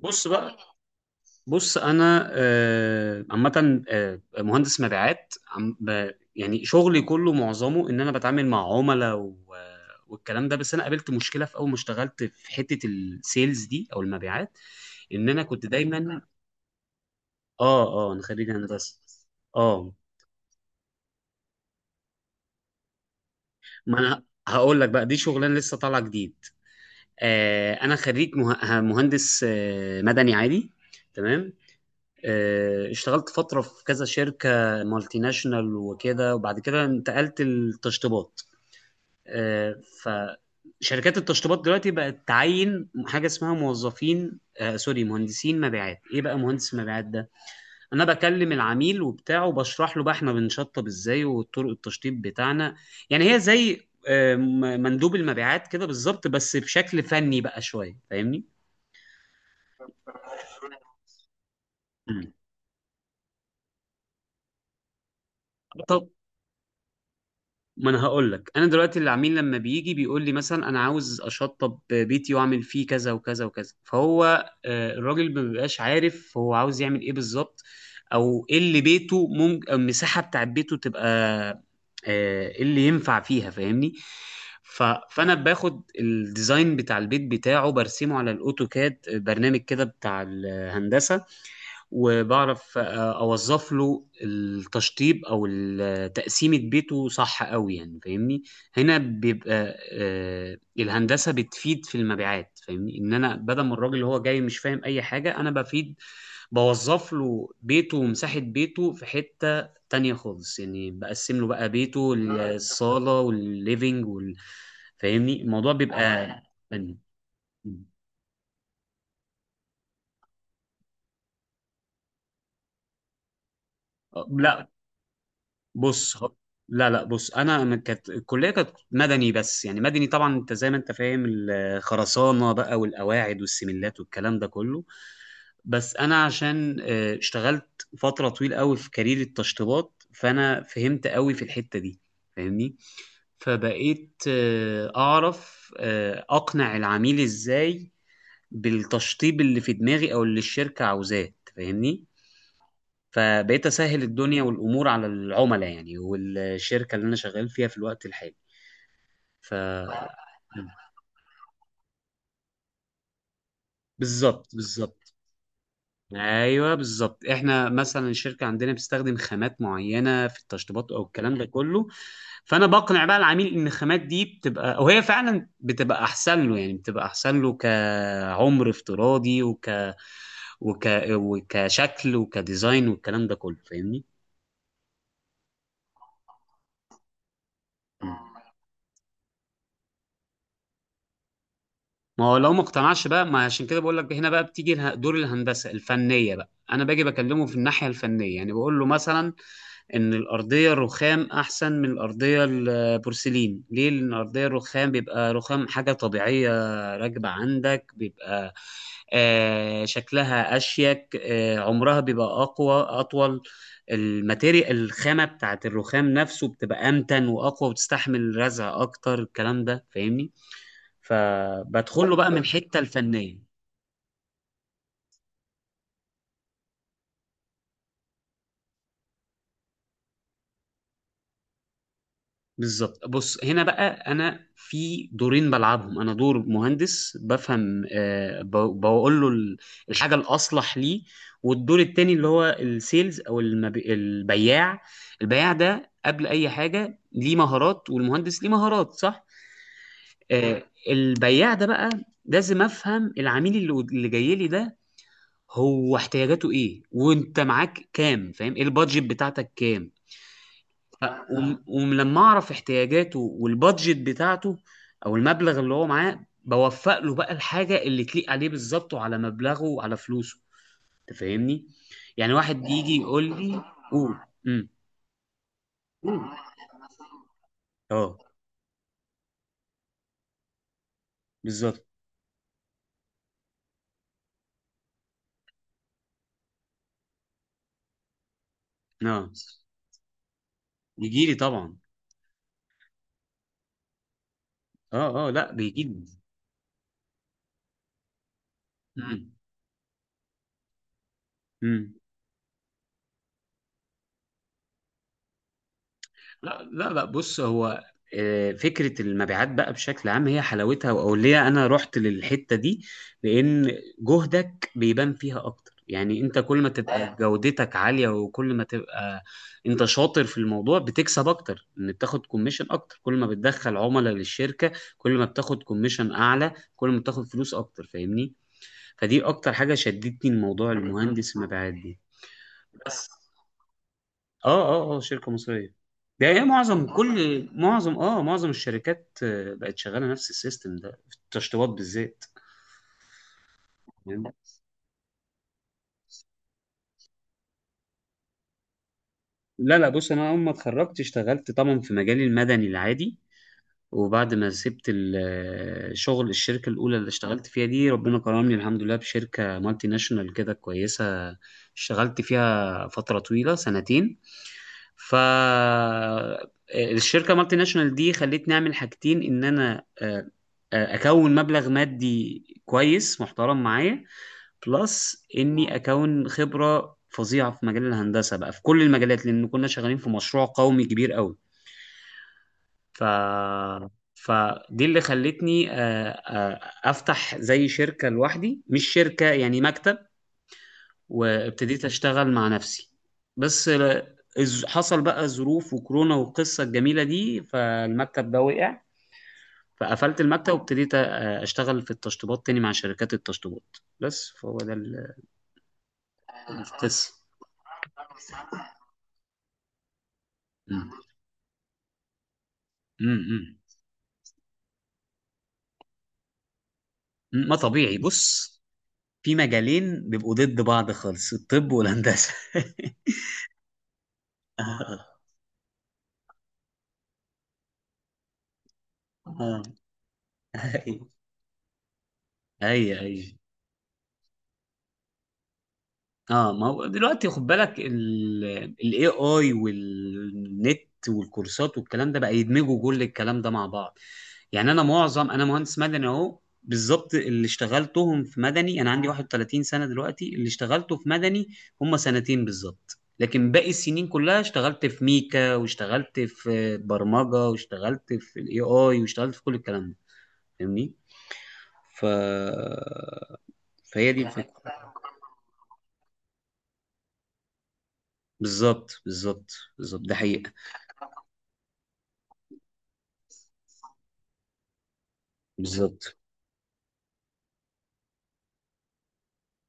بص بقى. بص انا آه، عامه، مهندس مبيعات يعني شغلي كله معظمه ان انا بتعامل مع عملاء والكلام ده. بس انا قابلت مشكله في اول ما اشتغلت في حته السيلز دي او المبيعات، ان انا كنت دايما. اه اه انا خريج هندسه. اه، ما انا هقول لك بقى دي شغلانه لسه طالعه جديد. انا خريج مهندس مدني عادي. تمام. اشتغلت فترة في كذا شركة مالتي ناشونال وكده، وبعد كده انتقلت للتشطيبات. آه، فشركات التشطيبات دلوقتي بقت تعين حاجة اسمها موظفين، سوري، مهندسين مبيعات. ايه بقى مهندس مبيعات ده؟ انا بكلم العميل وبتاعه، وبشرح له بقى احنا بنشطب ازاي وطرق التشطيب بتاعنا. يعني هي زي مندوب المبيعات كده بالظبط، بس بشكل فني بقى شوية، فاهمني؟ مم. طب ما انا هقول لك، انا دلوقتي العميل لما بيجي بيقول لي مثلا انا عاوز اشطب بيتي واعمل فيه كذا وكذا وكذا، فهو الراجل ما بيبقاش عارف هو عاوز يعمل ايه بالظبط، او ايه اللي بيته ممكن المساحه بتاعت بيته تبقى، ايه اللي ينفع فيها. فاهمني؟ ف... فانا باخد الديزاين بتاع البيت بتاعه، برسمه على الاوتوكاد، برنامج كده بتاع الهندسه، وبعرف اوظف له التشطيب او تقسيمة بيته صح قوي يعني. فاهمني؟ هنا بيبقى الهندسة بتفيد في المبيعات، فاهمني، ان انا بدل ما الراجل اللي هو جاي مش فاهم اي حاجة، انا بفيد، بوظف له بيته ومساحة بيته في حتة تانية خالص، يعني بقسم له بقى بيته، الصالة والليفينج فاهمني الموضوع بيبقى. تمام. لا، بص هو- لا، لا، بص انا، كانت الكليه كانت مدني، بس يعني مدني طبعا انت زي ما انت فاهم، الخرسانه بقى والقواعد والسملات والكلام ده كله. بس انا عشان اشتغلت فتره طويله قوي في كارير التشطيبات، فانا فهمت قوي في الحته دي، فاهمني، فبقيت اعرف اقنع العميل ازاي بالتشطيب اللي في دماغي، او اللي الشركه عاوزاه، أنت فاهمني؟ فبقيت اسهل الدنيا والامور على العملاء يعني، والشركه اللي انا شغال فيها في الوقت الحالي. ف بالظبط، بالظبط. ايوه بالظبط، احنا مثلا الشركه عندنا بتستخدم خامات معينه في التشطيبات او الكلام ده كله، فانا بقنع بقى العميل ان الخامات دي بتبقى، او هي فعلا بتبقى احسن له، يعني بتبقى احسن له كعمر افتراضي، وك وك وكشكل وكديزاين والكلام ده كله، فاهمني؟ ما هو لو ما اقتنعش بقى، ما عشان كده بقول لك، هنا بقى بتيجي دور الهندسه الفنيه بقى، انا باجي بكلمه في الناحيه الفنيه، يعني بقول له مثلا ان الارضيه الرخام احسن من الارضيه البورسلين، ليه؟ لان الارضيه الرخام بيبقى رخام، حاجه طبيعيه راكبه عندك، بيبقى آه شكلها اشيك، آه عمرها بيبقى اقوى اطول، الماتيريال، الخامه بتاعت الرخام نفسه بتبقى امتن واقوى وتستحمل رزع اكتر، الكلام ده فاهمني؟ فبدخل له بقى من الحته الفنيه. بالظبط. بص، هنا بقى انا في دورين بلعبهم، انا دور مهندس بفهم، بقول له الحاجه الاصلح ليه، والدور التاني اللي هو السيلز او البياع، البياع ده قبل اي حاجه ليه مهارات، والمهندس ليه مهارات، صح؟ آه، البياع ده بقى لازم افهم العميل اللي جاي لي ده، هو احتياجاته ايه، وانت معاك كام، فاهم، ايه البادجت بتاعتك كام. ف- ولما اعرف احتياجاته والبادجت بتاعته، او المبلغ اللي هو معاه، بوفق له بقى الحاجه اللي تليق عليه بالظبط، وعلى مبلغه وعلى فلوسه. انت فاهمني؟ يعني واحد يجي يقول لي، قول. امم. اه. بالظبط. اه، يجي لي طبعا. اه، اه، لا بيجي لي. لا، لا، لا، بص هو فكرة المبيعات بقى بشكل عام، هي حلاوتها، أو ليه أنا رحت للحتة دي، لأن جهدك بيبان فيها أكتر، يعني أنت كل ما تبقى، ايوه، جودتك عالية، وكل ما تبقى أنت شاطر في الموضوع، بتكسب أكتر، إن بتاخد كوميشن أكتر، كل ما بتدخل عملاء للشركة، كل ما بتاخد كوميشن أعلى، كل ما بتاخد فلوس أكتر، فاهمني؟ فدي أكتر حاجة شدتني، الموضوع المهندس المبيعات دي. بس. اه، اه، اه، شركة مصرية. ده هي معظم، كل معظم اه معظم الشركات بقت شغالة نفس السيستم ده في التشطيبات بالذات. يعني. لا، لا، بص انا اول ما اتخرجت اشتغلت طبعا في مجالي المدني العادي، وبعد ما سبت الشغل، الشركة الأولى اللي اشتغلت فيها دي، ربنا كرمني الحمد لله بشركة مالتي ناشونال كده كويسة، اشتغلت فيها فترة طويلة، سنتين. ف الشركة مالتي ناشونال دي خلتني أعمل حاجتين، إن أنا أكون مبلغ مادي كويس محترم معايا، بلس إني أكون خبرة فظيعة في مجال الهندسة بقى في كل المجالات، لأن كنا شغالين في مشروع قومي كبير قوي. ف فدي اللي خلتني افتح زي شركة لوحدي، مش شركة يعني، مكتب، وابتديت اشتغل مع نفسي. بس حصل بقى ظروف وكورونا والقصة الجميلة دي، فالمكتب ده وقع، فقفلت المكتب، اشتغل في التشطيبات تاني مع شركات التشطيبات بس، فهو ده القصة. مم. مم. ما طبيعي. بص، في مجالين بيبقوا ضد بعض خالص، الطب والهندسة. اه. اي، اي، اي. اه، ما هو دلوقتي خد بالك، الاي اي والنت والكورسات والكلام ده بقى، يدمجوا كل الكلام ده مع بعض. يعني انا معظم، انا مهندس مدني اهو، بالظبط اللي اشتغلتهم في مدني، انا عندي 31 سنة دلوقتي، اللي اشتغلته في مدني هم سنتين بالظبط، لكن باقي السنين كلها اشتغلت في ميكا، واشتغلت في برمجة، واشتغلت في الاي اي، واشتغلت في كل الكلام ده، فاهمني؟ ف فهي دي الفكرة. بالظبط، بالظبط. بالظبط، ده حقيقة. بالظبط،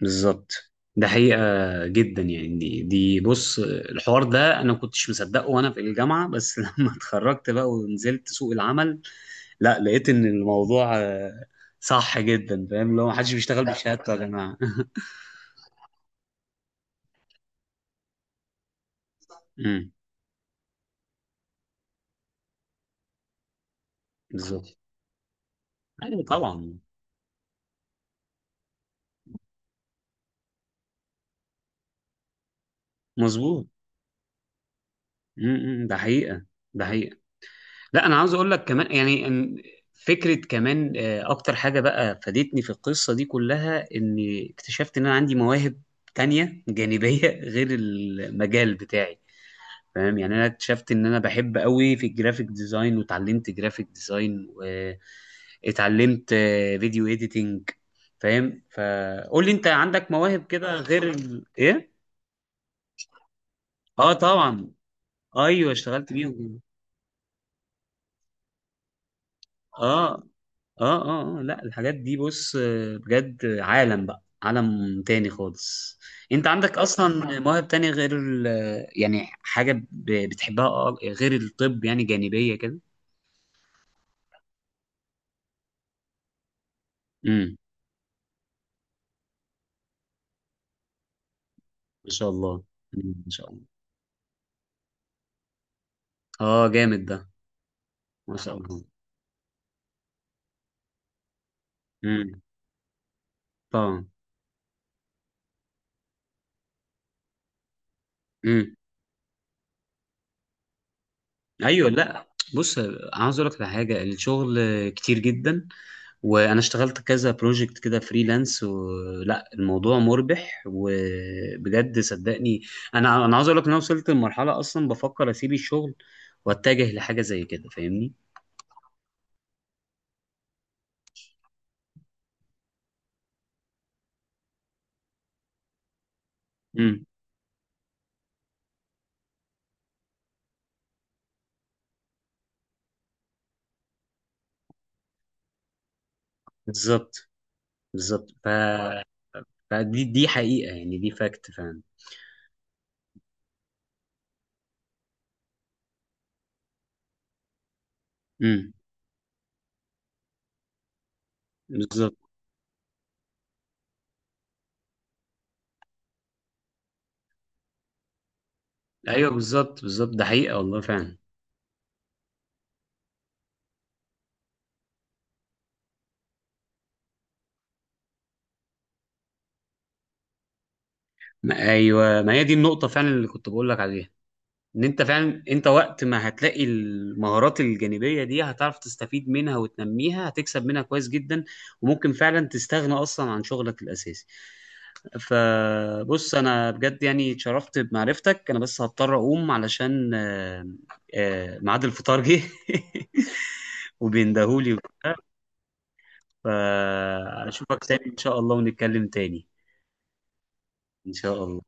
بالظبط، ده حقيقة جدا يعني. دي بص، الحوار ده أنا ما كنتش مصدقه وأنا في الجامعة بس، لما اتخرجت بقى ونزلت سوق العمل، لا لقيت إن الموضوع صح جدا، فاهم اللي هو محدش بيشتغل بشهادته يا جماعة. أمم، بالظبط. أيوة طبعا. مظبوط. أمم، أمم، ده حقيقة. ده حقيقة. لا انا عاوز اقول لك كمان يعني، إن فكره كمان اكتر حاجه بقى فادتني في القصه دي كلها، اني اكتشفت ان انا عندي مواهب تانية جانبيه غير المجال بتاعي. فاهم يعني؟ انا اكتشفت ان انا بحب قوي في الجرافيك ديزاين، واتعلمت جرافيك ديزاين، واتعلمت فيديو اديتنج. فاهم؟ فقول لي انت عندك مواهب كده غير ايه؟ اه طبعا. ايوه اشتغلت بيهم. اه اه لا، الحاجات دي بص بجد عالم بقى، عالم تاني خالص. انت عندك اصلا مواهب تانية غير ال. يعني حاجة بتحبها غير الطب يعني، جانبية كده. امم. ما شاء الله. مم، ما شاء الله. اه، جامد ده. ما شاء الله. امم. طبعا. امم. ايوه، لا، بص، عاوز اقول لك على حاجة، الشغل كتير جدا، وانا اشتغلت كذا بروجكت كده فريلانس، ولا الموضوع مربح، وبجد صدقني، انا عاوز اقول لك ان انا وصلت لمرحله اصلا بفكر اسيب الشغل واتجه لحاجه زي كده. فاهمني؟ امم. بالظبط، بالظبط. فدي حقيقه يعني، دي فاكت فعلا. امم. بالظبط. ايوه، بالظبط، بالظبط، ده حقيقه والله فعلا. ايوه، ما هي دي النقطه فعلا اللي كنت بقول لك عليها، ان انت فعلا انت وقت ما هتلاقي المهارات الجانبيه دي، هتعرف تستفيد منها وتنميها، هتكسب منها كويس جدا، وممكن فعلا تستغنى اصلا عن شغلك الاساسي. فبص انا بجد يعني اتشرفت بمعرفتك، انا بس هضطر اقوم علشان ميعاد الفطار جه وبيندهولي وبتاع. فاشوفك تاني ان شاء الله، ونتكلم تاني. ان شاء الله.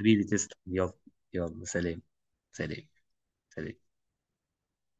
حبيبي تسلم، يلا. يلا، سلام. سلام. سلام.